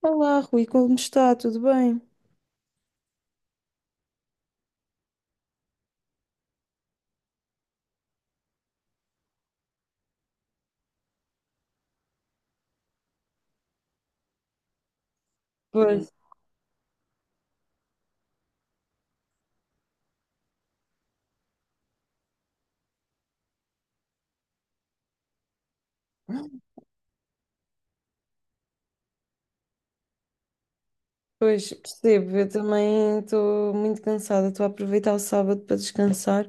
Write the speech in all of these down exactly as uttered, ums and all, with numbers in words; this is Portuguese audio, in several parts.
Olá, Rui, como está? Tudo bem? Pois, pois, percebo. Eu também estou muito cansada. Estou a aproveitar o sábado para descansar,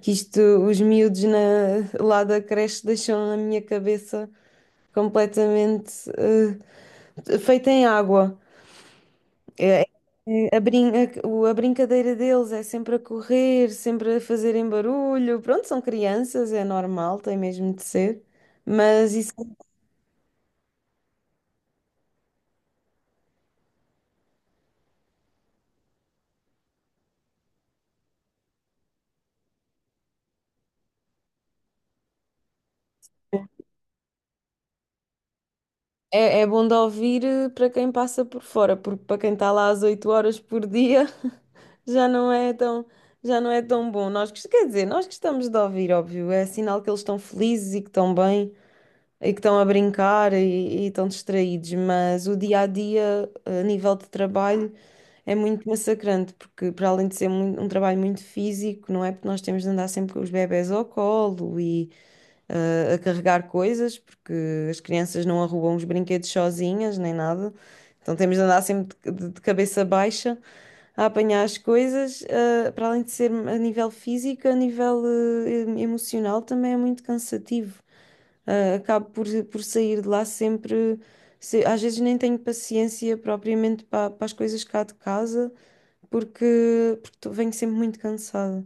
que isto, os miúdos na- lá da creche deixam a minha cabeça completamente eh, feita em água. É- é a, brin- a- o- a brincadeira deles é sempre a correr, sempre a fazerem barulho. Pronto, são crianças, é normal, tem mesmo de ser. Mas isso é, é bom de ouvir eh, para quem passa por fora, porque para quem está lá às oito horas por dia já não é tão, já não é tão bom. Nós, gost- quer dizer, nós gostamos de ouvir, óbvio, é sinal que eles estão felizes e que estão bem e que estão a brincar e, e estão distraídos, mas o dia a dia, a nível de trabalho, é muito massacrante, porque para além de ser mui- um trabalho muito físico, não é? Porque nós temos de andar sempre com os bebés ao colo e ah, a carregar coisas, porque as crianças não arrumam os brinquedos sozinhas nem nada, então temos de andar sempre de, de- de cabeça baixa. A apanhar as coisas, ah, para além de ser a nível físico, a nível eh, emocional também é muito cansativo. Ah, acabo por, por sair de lá sempre. Se- às vezes nem tenho paciência propriamente para, as coisas cá de casa, porque, porque tô- venho sempre muito cansada.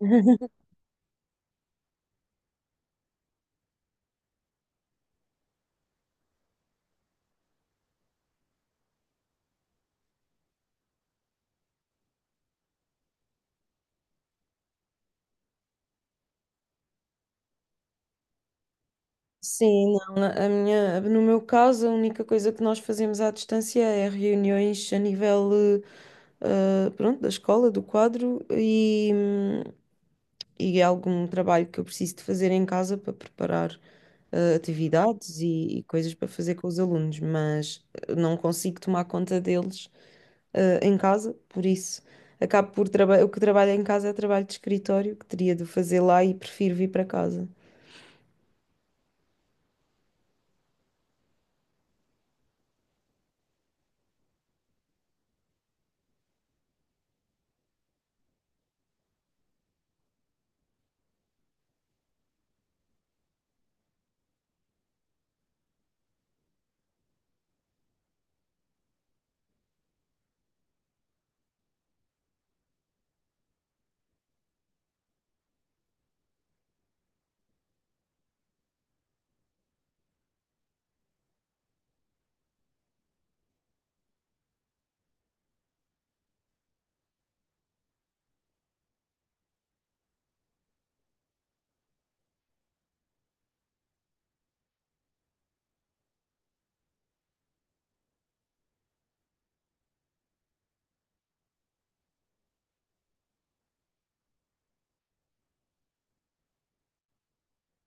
Sim, não, na- a minha, no meu caso, a única coisa que nós fazemos à distância é reuniões a nível, eh, ah, pronto, da escola, do quadro e é algum trabalho que eu preciso de fazer em casa para preparar eh, atividades e, e coisas para fazer com os alunos, mas eh, não consigo tomar conta deles eh, em casa, por isso acabo por trabalhar. O que trabalho em casa é trabalho de escritório, que teria de fazer lá e prefiro vir para casa.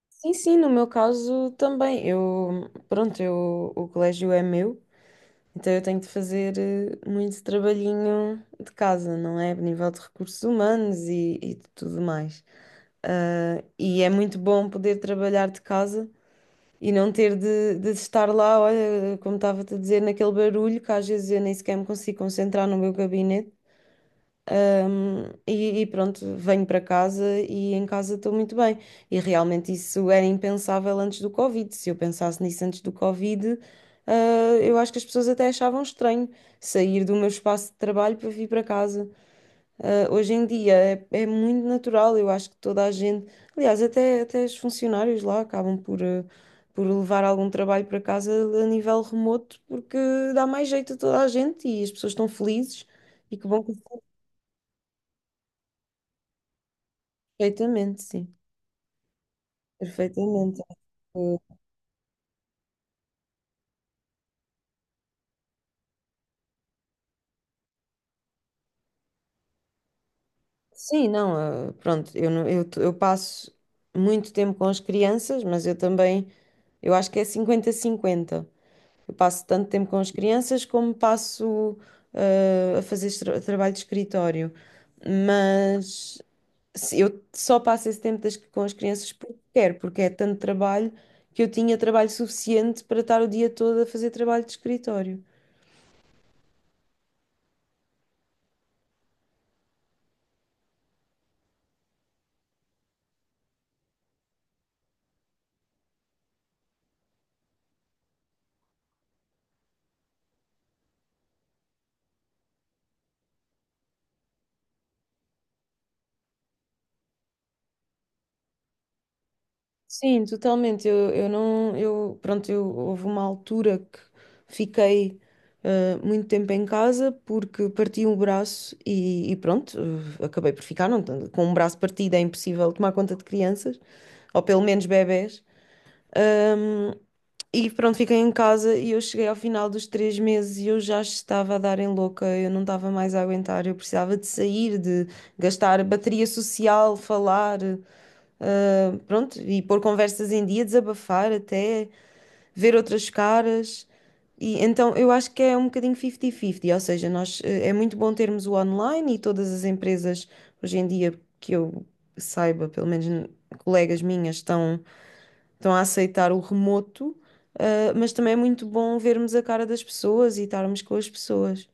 Sim, sim, no meu caso também. Eu, pronto, eu, o colégio é meu, então eu tenho de fazer eh, muito trabalhinho de casa, não é? A nível de recursos humanos e, e de tudo mais. Ah, e é muito bom poder trabalhar de casa e não ter de, de estar lá, olha, como estava-te a dizer, naquele barulho que às vezes eu nem sequer me consigo concentrar no meu gabinete. Ahm, e, e pronto, venho para casa e em casa estou muito bem. E realmente isso era impensável antes do Covid. Se eu pensasse nisso antes do Covid, ah, eu acho que as pessoas até achavam estranho sair do meu espaço de trabalho para vir para casa. Ah, hoje em dia é, é muito natural, eu acho que toda a gente, aliás, até, até os funcionários lá acabam por, ah, por levar algum trabalho para casa a nível remoto, porque dá mais jeito a toda a gente e as pessoas estão felizes e que bom que perfeitamente, sim, perfeitamente. Ah, Sim, não, ah, pronto, eu, não- eu, eu passo muito tempo com as crianças, mas eu também, eu acho que é cinquenta cinquenta. Eu passo tanto tempo com as crianças como passo eh, a fazer estra- trabalho de escritório. Mas se- eu só passo esse tempo das- com as crianças porque quero, porque é tanto trabalho que eu tinha trabalho suficiente para estar o dia todo a fazer trabalho de escritório. Sim, totalmente. Eu, eu não, eu, pronto, eu houve uma altura que fiquei eh, muito tempo em casa porque parti um braço e, e pronto, eh, acabei por ficar, não, com um braço partido é impossível tomar conta de crianças, ou pelo menos bebés. Ahm, e pronto, fiquei em casa e eu cheguei ao final dos três meses e eu já estava a dar em louca, eu não estava mais a aguentar, eu precisava de sair, de gastar bateria social, falar, ah, pronto, e pôr conversas em dia, desabafar até, ver outras caras. E então eu acho que é um bocadinho cinquenta cinquenta, ou seja, nós, eh, é muito bom termos o online e todas as empresas hoje em dia que eu saiba, pelo menos n- colegas minhas, estão estão a aceitar o remoto, ah, mas também é muito bom vermos a cara das pessoas e estarmos com as pessoas.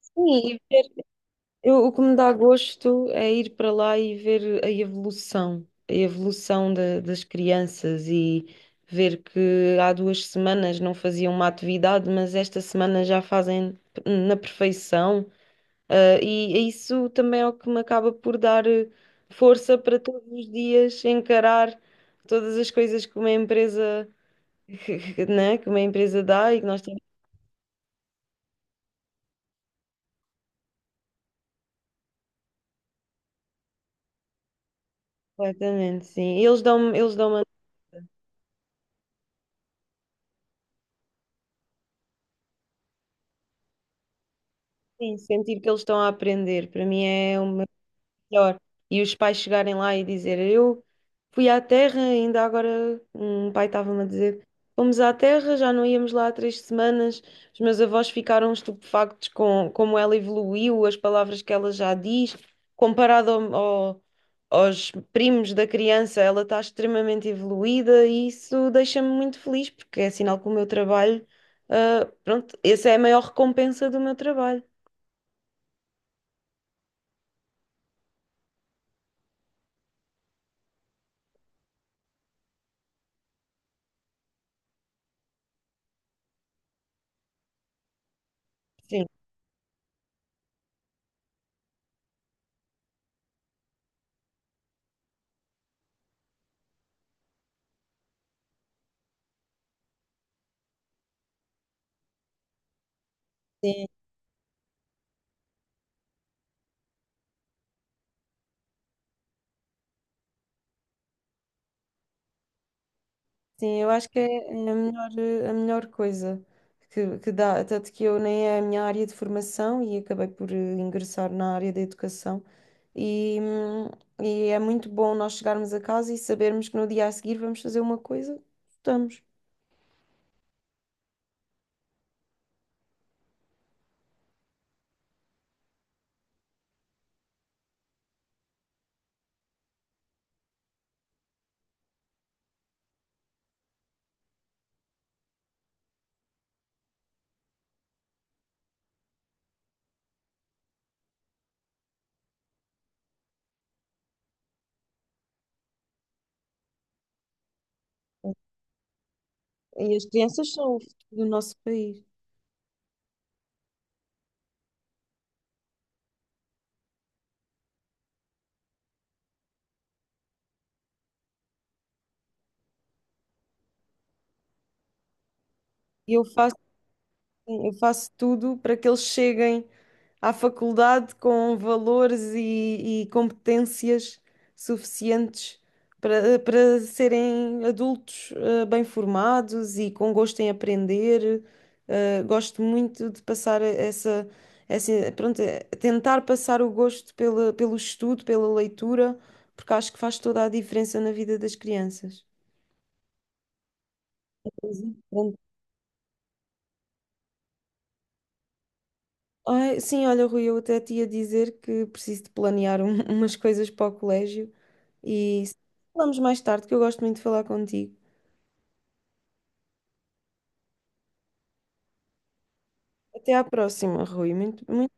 Sim, e ver- eu, o que me dá gosto é ir para lá e ver a evolução, a evolução da- das crianças e ver que há duas semanas não faziam uma atividade, mas esta semana já fazem na perfeição. Ah, e e isso também é o que me acaba por dar eh, força para todos os dias encarar todas as coisas que uma empresa que, que- né, que uma empresa dá e que nós temos completamente, sim. E eles dão, eles dão-me a sentir que eles estão a aprender. Para mim é um melhor. E os pais chegarem lá e dizer, eu fui à Terra, ainda agora um pai estava-me a dizer, fomos à Terra, já não íamos lá há três semanas, os meus avós ficaram estupefactos com como ela evoluiu, as palavras que ela já diz, comparado ao, ao- aos primos da criança, ela está extremamente evoluída e isso deixa-me muito feliz, porque é sinal que o meu trabalho, ah, pronto, essa é a maior recompensa do meu trabalho. Sim. Sim, eu acho que é é a melhor, a melhor coisa que, que dá, tanto que eu nem é a minha área de formação e acabei por eh, ingressar na área da educação e, hum, e é muito bom nós chegarmos a casa e sabermos que no dia a seguir vamos fazer uma coisa, estudamos. E as crianças são o futuro do nosso país. E eu faço, eu faço tudo para que eles cheguem à faculdade com valores e, e competências suficientes para, para serem adultos eh, bem formados e com gosto em aprender. Eh, gosto muito de passar essa, essa, pronto, eh, tentar passar o gosto pela, pelo estudo, pela leitura, porque acho que faz toda a diferença na vida das crianças. Ai, sim, olha, Rui, eu até te ia dizer que preciso de planear um- umas coisas para o colégio e falamos mais tarde, que eu gosto muito de falar contigo. Até à próxima, Rui. Muito, muito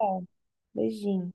obrigada. Beijinho.